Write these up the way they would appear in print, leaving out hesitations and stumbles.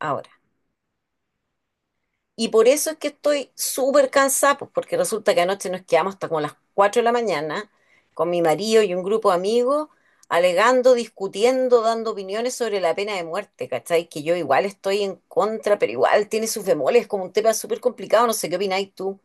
Ahora. Y por eso es que estoy súper cansada, pues, porque resulta que anoche nos quedamos hasta como las 4 de la mañana con mi marido y un grupo de amigos, alegando, discutiendo, dando opiniones sobre la pena de muerte, ¿cachai? Que yo igual estoy en contra, pero igual tiene sus bemoles, es como un tema súper complicado, no sé qué opináis tú.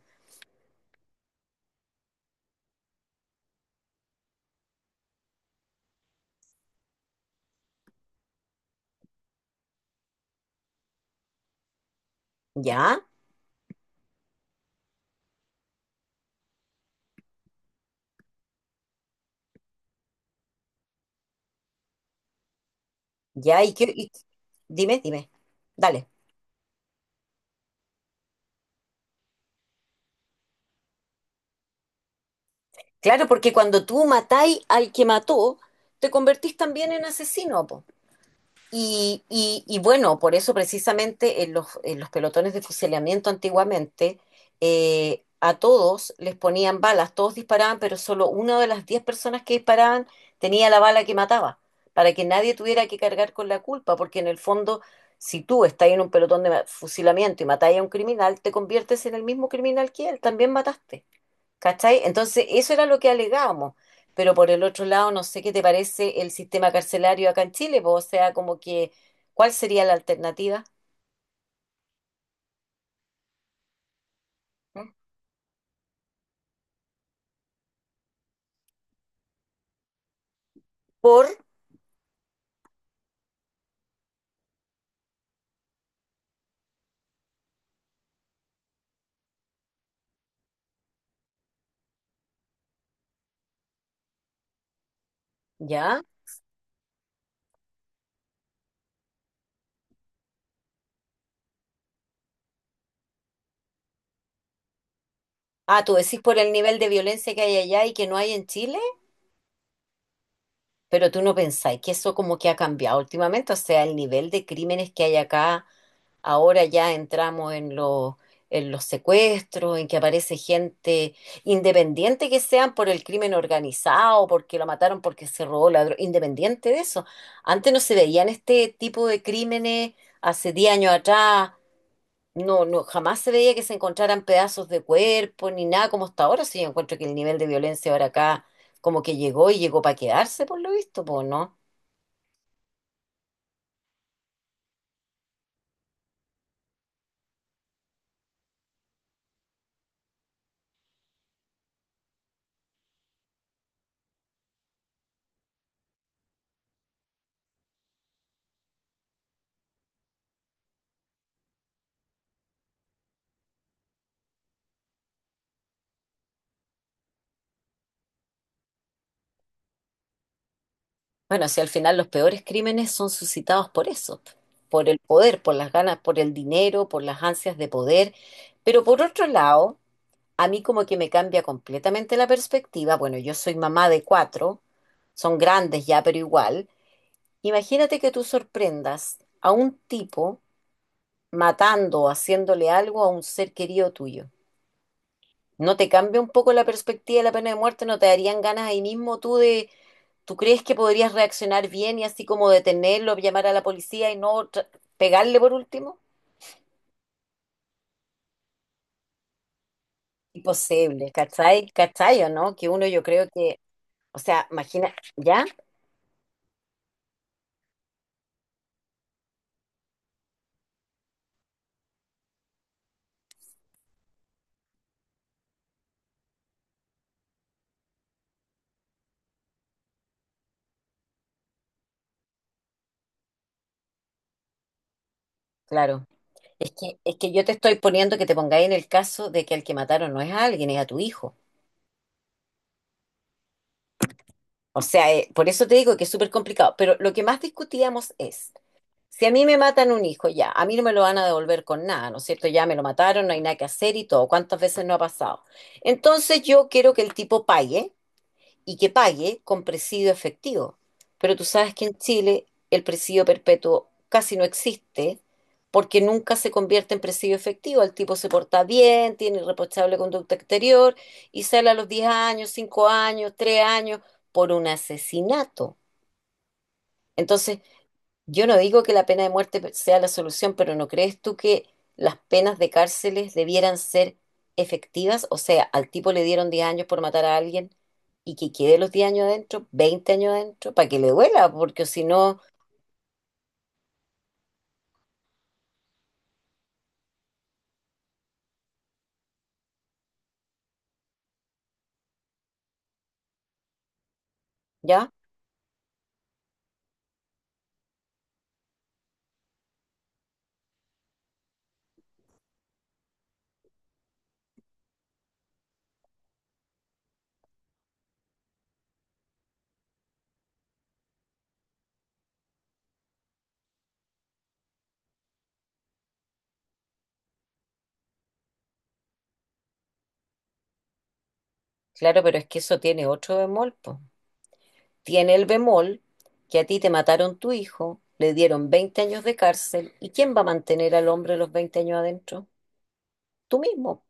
¿Ya? ¿Ya? ¿Y qué? Dime, dime. Dale. Claro, porque cuando tú matáis al que mató, te convertís también en asesino, po. Y bueno, por eso precisamente en los pelotones de fusilamiento antiguamente, a todos les ponían balas, todos disparaban, pero solo una de las 10 personas que disparaban tenía la bala que mataba, para que nadie tuviera que cargar con la culpa, porque en el fondo, si tú estás en un pelotón de fusilamiento y matáis a un criminal, te conviertes en el mismo criminal que él, también mataste. ¿Cachai? Entonces, eso era lo que alegábamos. Pero por el otro lado, no sé qué te parece el sistema carcelario acá en Chile, po, o sea, como que, ¿cuál sería la alternativa? ¿Mm? Por, ¿ya? Ah, tú decís por el nivel de violencia que hay allá y que no hay en Chile, pero tú no pensáis que eso como que ha cambiado últimamente, o sea, el nivel de crímenes que hay acá. Ahora ya entramos en los secuestros, en que aparece gente independiente que sean por el crimen organizado, porque lo mataron, porque se robó la droga, independiente de eso. Antes no se veían este tipo de crímenes, hace 10 años atrás, no, no, jamás se veía que se encontraran pedazos de cuerpo ni nada como hasta ahora. Sí, yo encuentro que el nivel de violencia ahora acá como que llegó y llegó para quedarse, por lo visto, pues, ¿no? Bueno, si al final los peores crímenes son suscitados por eso, por el poder, por las ganas, por el dinero, por las ansias de poder. Pero por otro lado, a mí como que me cambia completamente la perspectiva. Bueno, yo soy mamá de cuatro, son grandes ya, pero igual. Imagínate que tú sorprendas a un tipo matando o haciéndole algo a un ser querido tuyo. ¿No te cambia un poco la perspectiva de la pena de muerte? ¿No te darían ganas ahí mismo tú de, tú crees que podrías reaccionar bien y así como detenerlo, llamar a la policía y no tra- pegarle por último? Imposible, ¿cachai? ¿Cachai o no? Que uno yo creo que, o sea, imagina, ¿ya? Claro. Es que yo te estoy poniendo que te pongáis en el caso de que al que mataron no es a alguien, es a tu hijo. O sea, por eso te digo que es súper complicado. Pero lo que más discutíamos es... Si a mí me matan un hijo, ya, a mí no me lo van a devolver con nada, ¿no es cierto? Ya me lo mataron, no hay nada que hacer y todo. ¿Cuántas veces no ha pasado? Entonces yo quiero que el tipo pague y que pague con presidio efectivo. Pero tú sabes que en Chile el presidio perpetuo casi no existe porque nunca se convierte en presidio efectivo. El tipo se porta bien, tiene irreprochable conducta exterior y sale a los 10 años, 5 años, 3 años por un asesinato. Entonces, yo no digo que la pena de muerte sea la solución, pero ¿no crees tú que las penas de cárceles debieran ser efectivas? O sea, al tipo le dieron 10 años por matar a alguien y que quede los 10 años adentro, 20 años adentro, para que le duela, porque si no, ya, claro, pero es que eso tiene otro bemol, po. Tiene el bemol que a ti te mataron tu hijo, le dieron 20 años de cárcel, ¿y quién va a mantener al hombre los 20 años adentro? Tú mismo.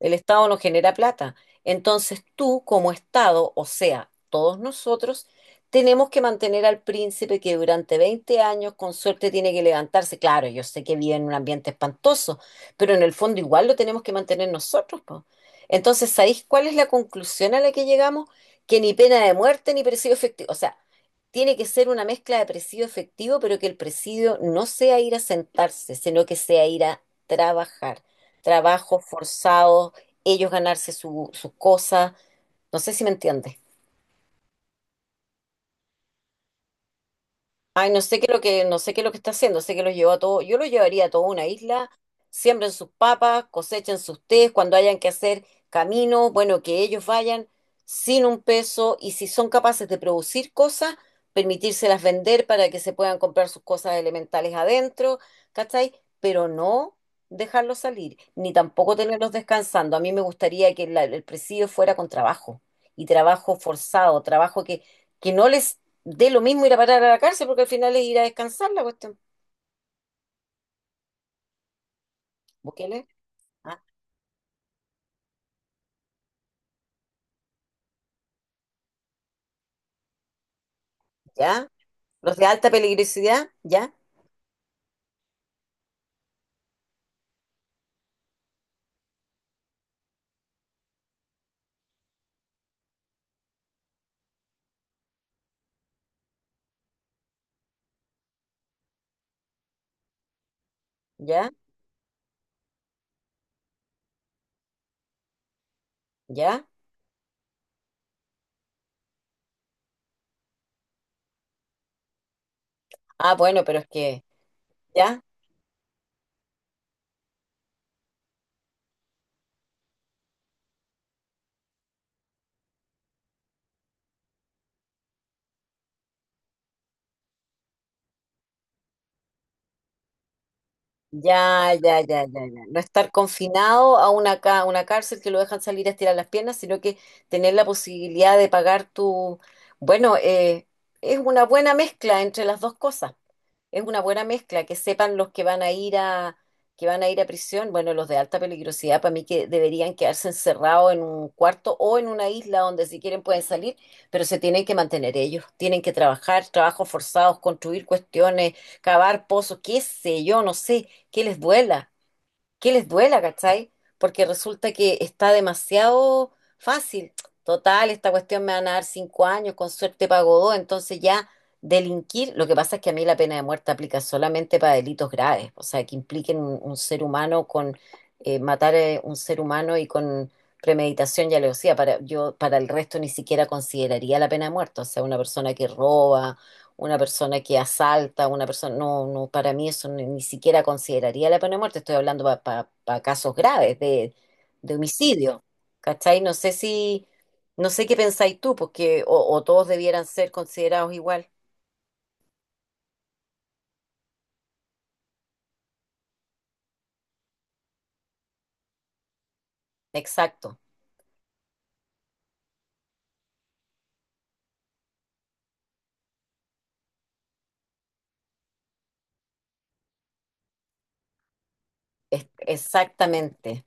El Estado no genera plata. Entonces tú, como Estado, o sea, todos nosotros, tenemos que mantener al príncipe que durante 20 años con suerte tiene que levantarse. Claro, yo sé que vive en un ambiente espantoso, pero en el fondo igual lo tenemos que mantener nosotros, po. Entonces, ¿sabéis cuál es la conclusión a la que llegamos? Que ni pena de muerte ni presidio efectivo. O sea, tiene que ser una mezcla de presidio efectivo, pero que el presidio no sea ir a sentarse, sino que sea ir a trabajar. Trabajos forzados ellos ganarse sus cosas. No sé si me entiendes. Ay, no sé qué es lo que, no sé qué es lo que está haciendo, sé que los llevó a todo, yo los llevaría a toda una isla, siembren sus papas, cosechen sus tés, cuando hayan que hacer camino, bueno, que ellos vayan sin un peso y si son capaces de producir cosas, permitírselas vender para que se puedan comprar sus cosas elementales adentro, ¿cachai? Pero no dejarlos salir, ni tampoco tenerlos descansando. A mí me gustaría que el presidio fuera con trabajo y trabajo forzado, trabajo que no les de lo mismo ir a parar a la cárcel, porque al final es ir a descansar la cuestión. Bukele, ah, ya. Los de alta peligrosidad, ya, ya, ya. Ah, bueno, pero es que, ya. Ya, ya, ya, ya, ya. No estar confinado a una cárcel que lo dejan salir a estirar las piernas, sino que tener la posibilidad de pagar tu... Bueno, es una buena mezcla entre las dos cosas. Es una buena mezcla, que sepan los que van a ir a, prisión, bueno, los de alta peligrosidad, para mí que deberían quedarse encerrados en un cuarto o en una isla donde si quieren pueden salir, pero se tienen que mantener ellos, tienen que trabajar, trabajos forzados, construir cuestiones, cavar pozos, qué sé yo, no sé que les duela, que les duela, ¿cachai? Porque resulta que está demasiado fácil. Total, esta cuestión me van a dar 5 años, con suerte pago dos, entonces ya delinquir. Lo que pasa es que a mí la pena de muerte aplica solamente para delitos graves, o sea, que impliquen un ser humano con matar a un ser humano y con premeditación y alevosía. Para, yo, para el resto ni siquiera consideraría la pena de muerte, o sea, una persona que roba una persona que asalta, una persona, no, no, para mí eso ni siquiera consideraría la pena de muerte, estoy hablando para casos graves de, homicidio, ¿cachai? No sé qué pensáis tú, porque o todos debieran ser considerados igual, exacto, exactamente.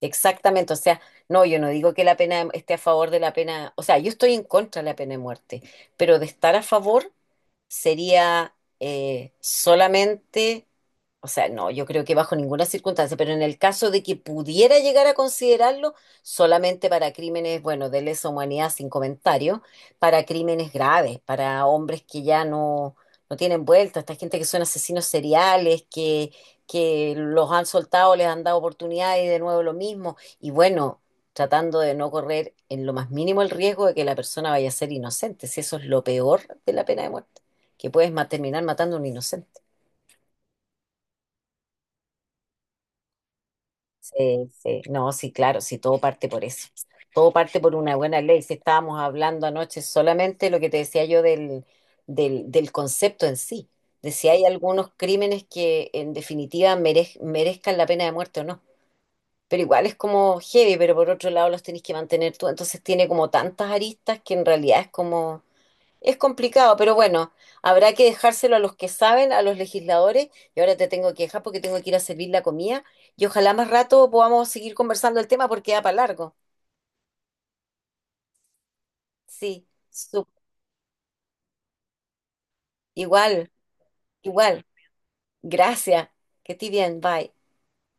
Exactamente, o sea, no, yo no digo que la pena esté a favor de la pena, o sea, yo estoy en contra de la pena de muerte, pero de estar a favor sería solamente, o sea, no, yo creo que bajo ninguna circunstancia, pero en el caso de que pudiera llegar a considerarlo, solamente para crímenes, bueno, de lesa humanidad sin comentario, para crímenes graves, para hombres que ya no, no tienen vuelta, esta gente que son asesinos seriales, que los han soltado, les han dado oportunidades y de nuevo lo mismo. Y bueno, tratando de no correr en lo más mínimo el riesgo de que la persona vaya a ser inocente. Si eso es lo peor de la pena de muerte, que puedes terminar matando a un inocente. Sí, sí. No, sí, claro, sí, todo parte por eso. Todo parte por una buena ley. Si estábamos hablando anoche solamente lo que te decía yo del concepto en sí, de si hay algunos crímenes que en definitiva merezcan la pena de muerte o no. Pero igual es como heavy, pero por otro lado los tenés que mantener tú, entonces tiene como tantas aristas que en realidad es como, es complicado, pero bueno, habrá que dejárselo a los que saben, a los legisladores, y ahora te tengo que dejar porque tengo que ir a servir la comida, y ojalá más rato podamos seguir conversando el tema porque da para largo. Sí, igual, igual, gracias, que estés bien, bye.